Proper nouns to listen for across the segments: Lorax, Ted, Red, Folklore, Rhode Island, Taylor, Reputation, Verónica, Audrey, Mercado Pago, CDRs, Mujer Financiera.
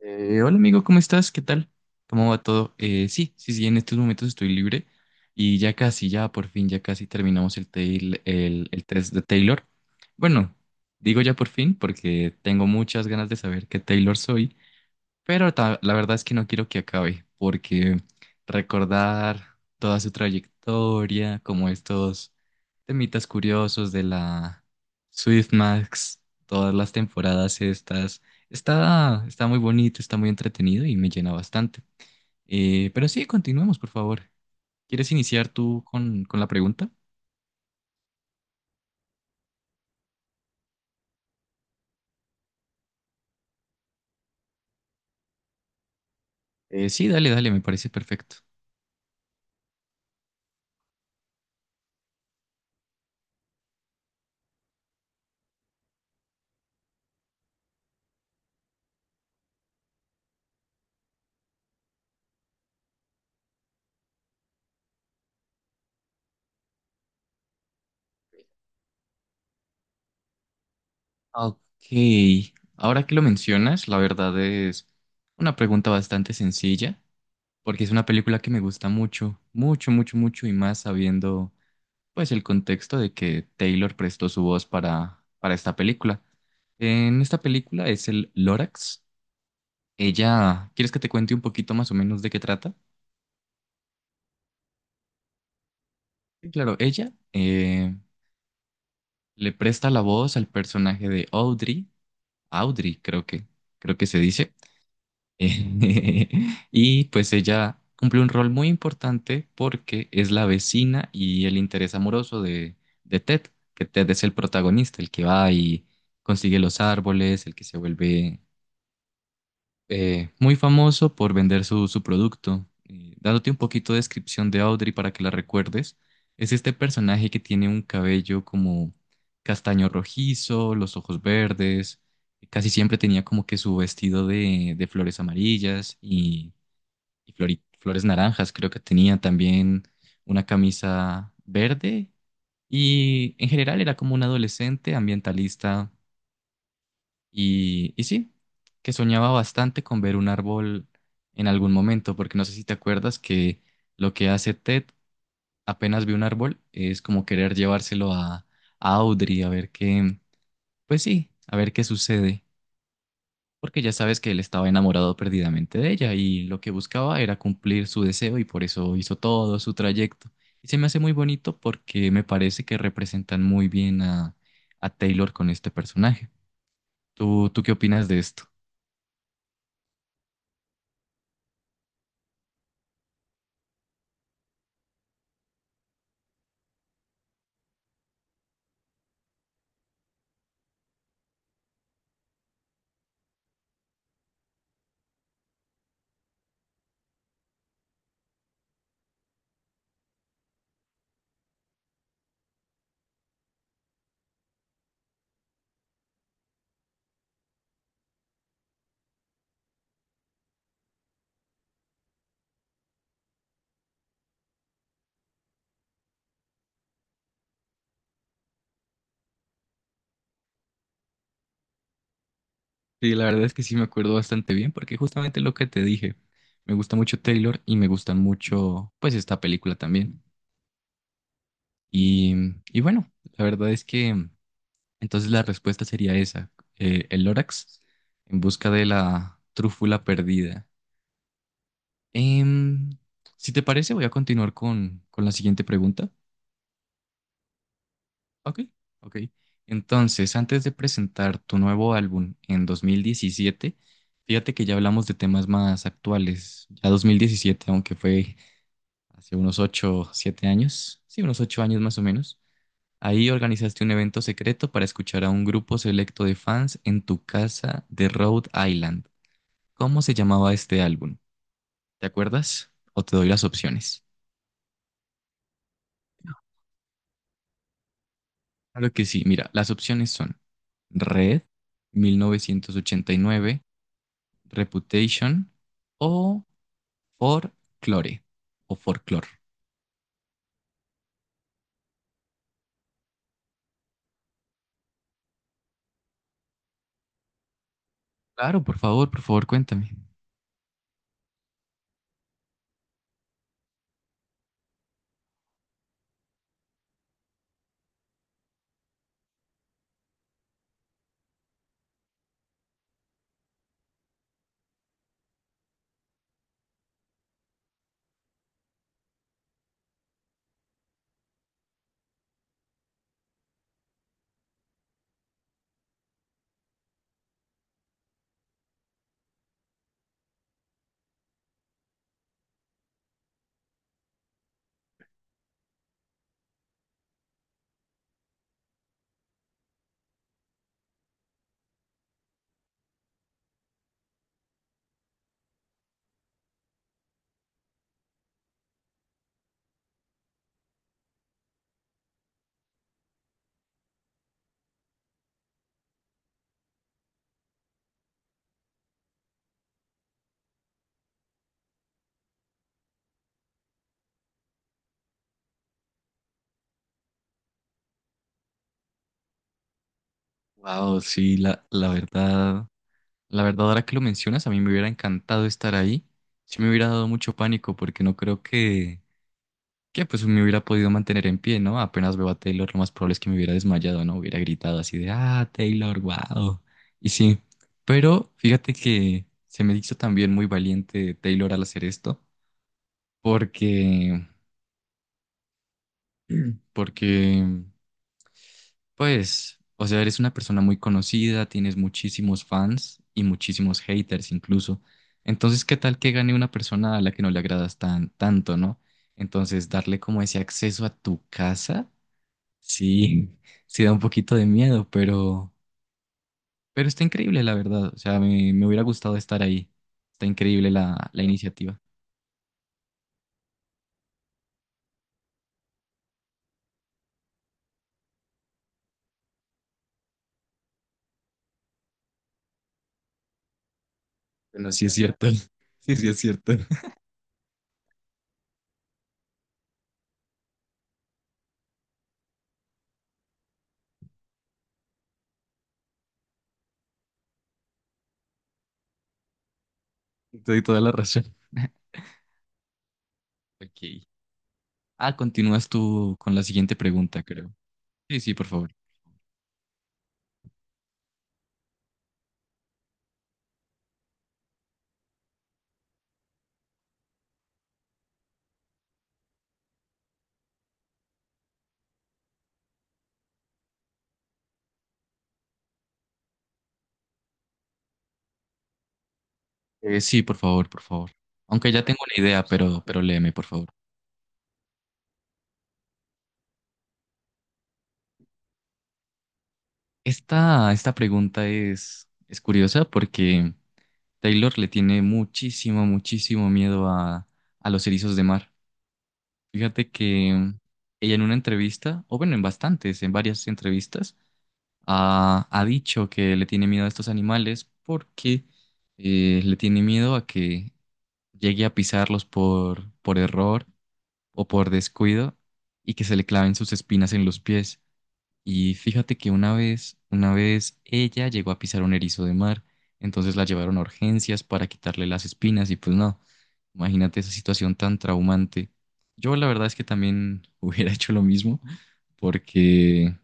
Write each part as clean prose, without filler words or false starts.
Hola amigo, ¿cómo estás? ¿Qué tal? ¿Cómo va todo? Sí, sí, sí, en estos momentos estoy libre y ya casi, ya por fin, ya casi terminamos el test de Taylor. Bueno, digo ya por fin porque tengo muchas ganas de saber qué Taylor soy pero la verdad es que no quiero que acabe, porque recordar toda su trayectoria, como estos temitas curiosos de la Max, todas las temporadas estas, está muy bonito, está muy entretenido y me llena bastante. Pero sí, continuemos, por favor. ¿Quieres iniciar tú con, la pregunta? Sí, dale, dale, me parece perfecto. Ok, ahora que lo mencionas, la verdad es una pregunta bastante sencilla, porque es una película que me gusta mucho, mucho, mucho, mucho, y más sabiendo pues el contexto de que Taylor prestó su voz para, esta película. En esta película es el Lorax. Ella, ¿quieres que te cuente un poquito más o menos de qué trata? Sí, claro, ella le presta la voz al personaje de Audrey. Audrey creo que, se dice. Eh, Y pues ella cumple un rol muy importante porque es la vecina y el interés amoroso de Ted, que Ted es el protagonista, el que va y consigue los árboles, el que se vuelve muy famoso por vender su producto. Dándote un poquito de descripción de Audrey para que la recuerdes, es este personaje que tiene un cabello como castaño rojizo, los ojos verdes, casi siempre tenía como que su vestido de, flores amarillas y flores naranjas, creo que tenía también una camisa verde y en general era como un adolescente ambientalista y sí, que soñaba bastante con ver un árbol en algún momento, porque no sé si te acuerdas que lo que hace Ted apenas ve un árbol es como querer llevárselo a Audrey a ver qué, pues sí, a ver qué sucede, porque ya sabes que él estaba enamorado perdidamente de ella y lo que buscaba era cumplir su deseo y por eso hizo todo su trayecto. Y se me hace muy bonito porque me parece que representan muy bien a, Taylor con este personaje. ¿Tú qué opinas de esto? Sí, la verdad es que sí me acuerdo bastante bien porque justamente lo que te dije, me gusta mucho Taylor y me gusta mucho pues esta película también. Y, y, bueno, la verdad es que entonces la respuesta sería esa, el Lorax en busca de la trúfula perdida. Em, si te parece voy a continuar con la siguiente pregunta. Ok, ok. Entonces, antes de presentar tu nuevo álbum en 2017, fíjate que ya hablamos de temas más actuales. Ya 2017, aunque fue hace unos 8, 7 años, sí, unos 8 años más o menos, ahí organizaste un evento secreto para escuchar a un grupo selecto de fans en tu casa de Rhode Island. ¿Cómo se llamaba este álbum? ¿Te acuerdas? ¿O te doy las opciones? Claro que sí, mira, las opciones son Red, 1989. Reputation o Folklore o Folklore. Claro, por favor, cuéntame. Wow, sí, la verdad, la verdad, ahora que lo mencionas, a mí me hubiera encantado estar ahí. Sí me hubiera dado mucho pánico porque no creo que, pues me hubiera podido mantener en pie, ¿no? Apenas veo a Taylor, lo más probable es que me hubiera desmayado, ¿no? Hubiera gritado así de, ah, Taylor, wow. Y sí, pero fíjate que se me hizo también muy valiente Taylor al hacer esto porque porque, pues, o sea, eres una persona muy conocida, tienes muchísimos fans y muchísimos haters incluso. Entonces, ¿qué tal que gane una persona a la que no le agradas tan tanto, ¿no? Entonces, darle como ese acceso a tu casa, sí, sí da un poquito de miedo, pero, está increíble, la verdad. O sea, me, hubiera gustado estar ahí. Está increíble la iniciativa. Bueno, sí es cierto. Sí, sí es cierto. Te doy toda la razón. Ok. Ah, continúas tú con la siguiente pregunta, creo. Sí, sí, por favor. Sí, por favor, por favor. Aunque ya tengo una idea, pero, léeme, por favor. esta, pregunta es curiosa porque Taylor le tiene muchísimo, muchísimo miedo a los erizos de mar. Fíjate que ella en una entrevista, o bueno, en bastantes, en varias entrevistas, ha, dicho que le tiene miedo a estos animales porque le tiene miedo a que llegue a pisarlos por error o por descuido y que se le claven sus espinas en los pies. Y fíjate que una vez ella llegó a pisar un erizo de mar, entonces la llevaron a urgencias para quitarle las espinas y pues no, imagínate esa situación tan traumante. Yo la verdad es que también hubiera hecho lo mismo porque,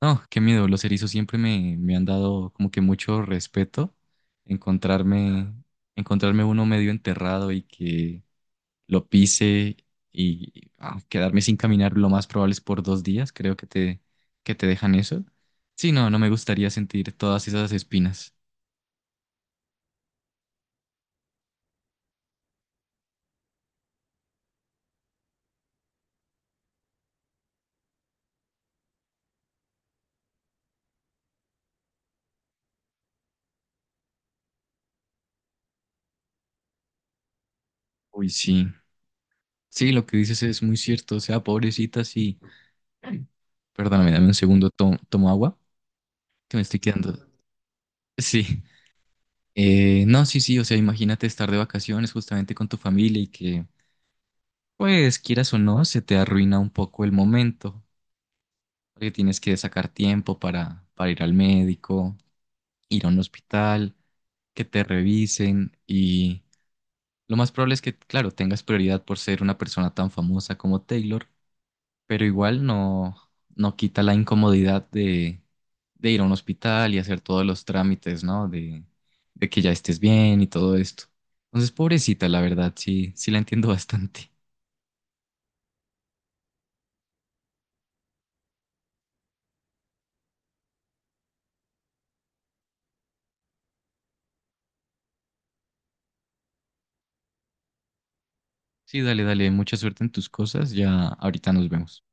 no, qué miedo, los erizos siempre me han dado como que mucho respeto encontrarme, encontrarme uno medio enterrado y que lo pise y ah, quedarme sin caminar lo más probable es por 2 días, creo que te dejan eso. Sí, no, no me gustaría sentir todas esas espinas. Uy, sí. Sí, lo que dices es muy cierto, o sea, pobrecita, sí. Perdóname, dame un segundo, tomo agua, que me estoy quedando. Sí. No, sí, sí, o sea, imagínate estar de vacaciones justamente con tu familia y que, pues, quieras o no, se te arruina un poco el momento, porque tienes que sacar tiempo para, ir al médico, ir a un hospital, que te revisen y lo más probable es que, claro, tengas prioridad por ser una persona tan famosa como Taylor, pero igual no, no quita la incomodidad de, ir a un hospital y hacer todos los trámites, ¿no? de que ya estés bien y todo esto. Entonces, pobrecita, la verdad, sí, sí la entiendo bastante. Sí, dale, dale, mucha suerte en tus cosas, ya ahorita nos vemos.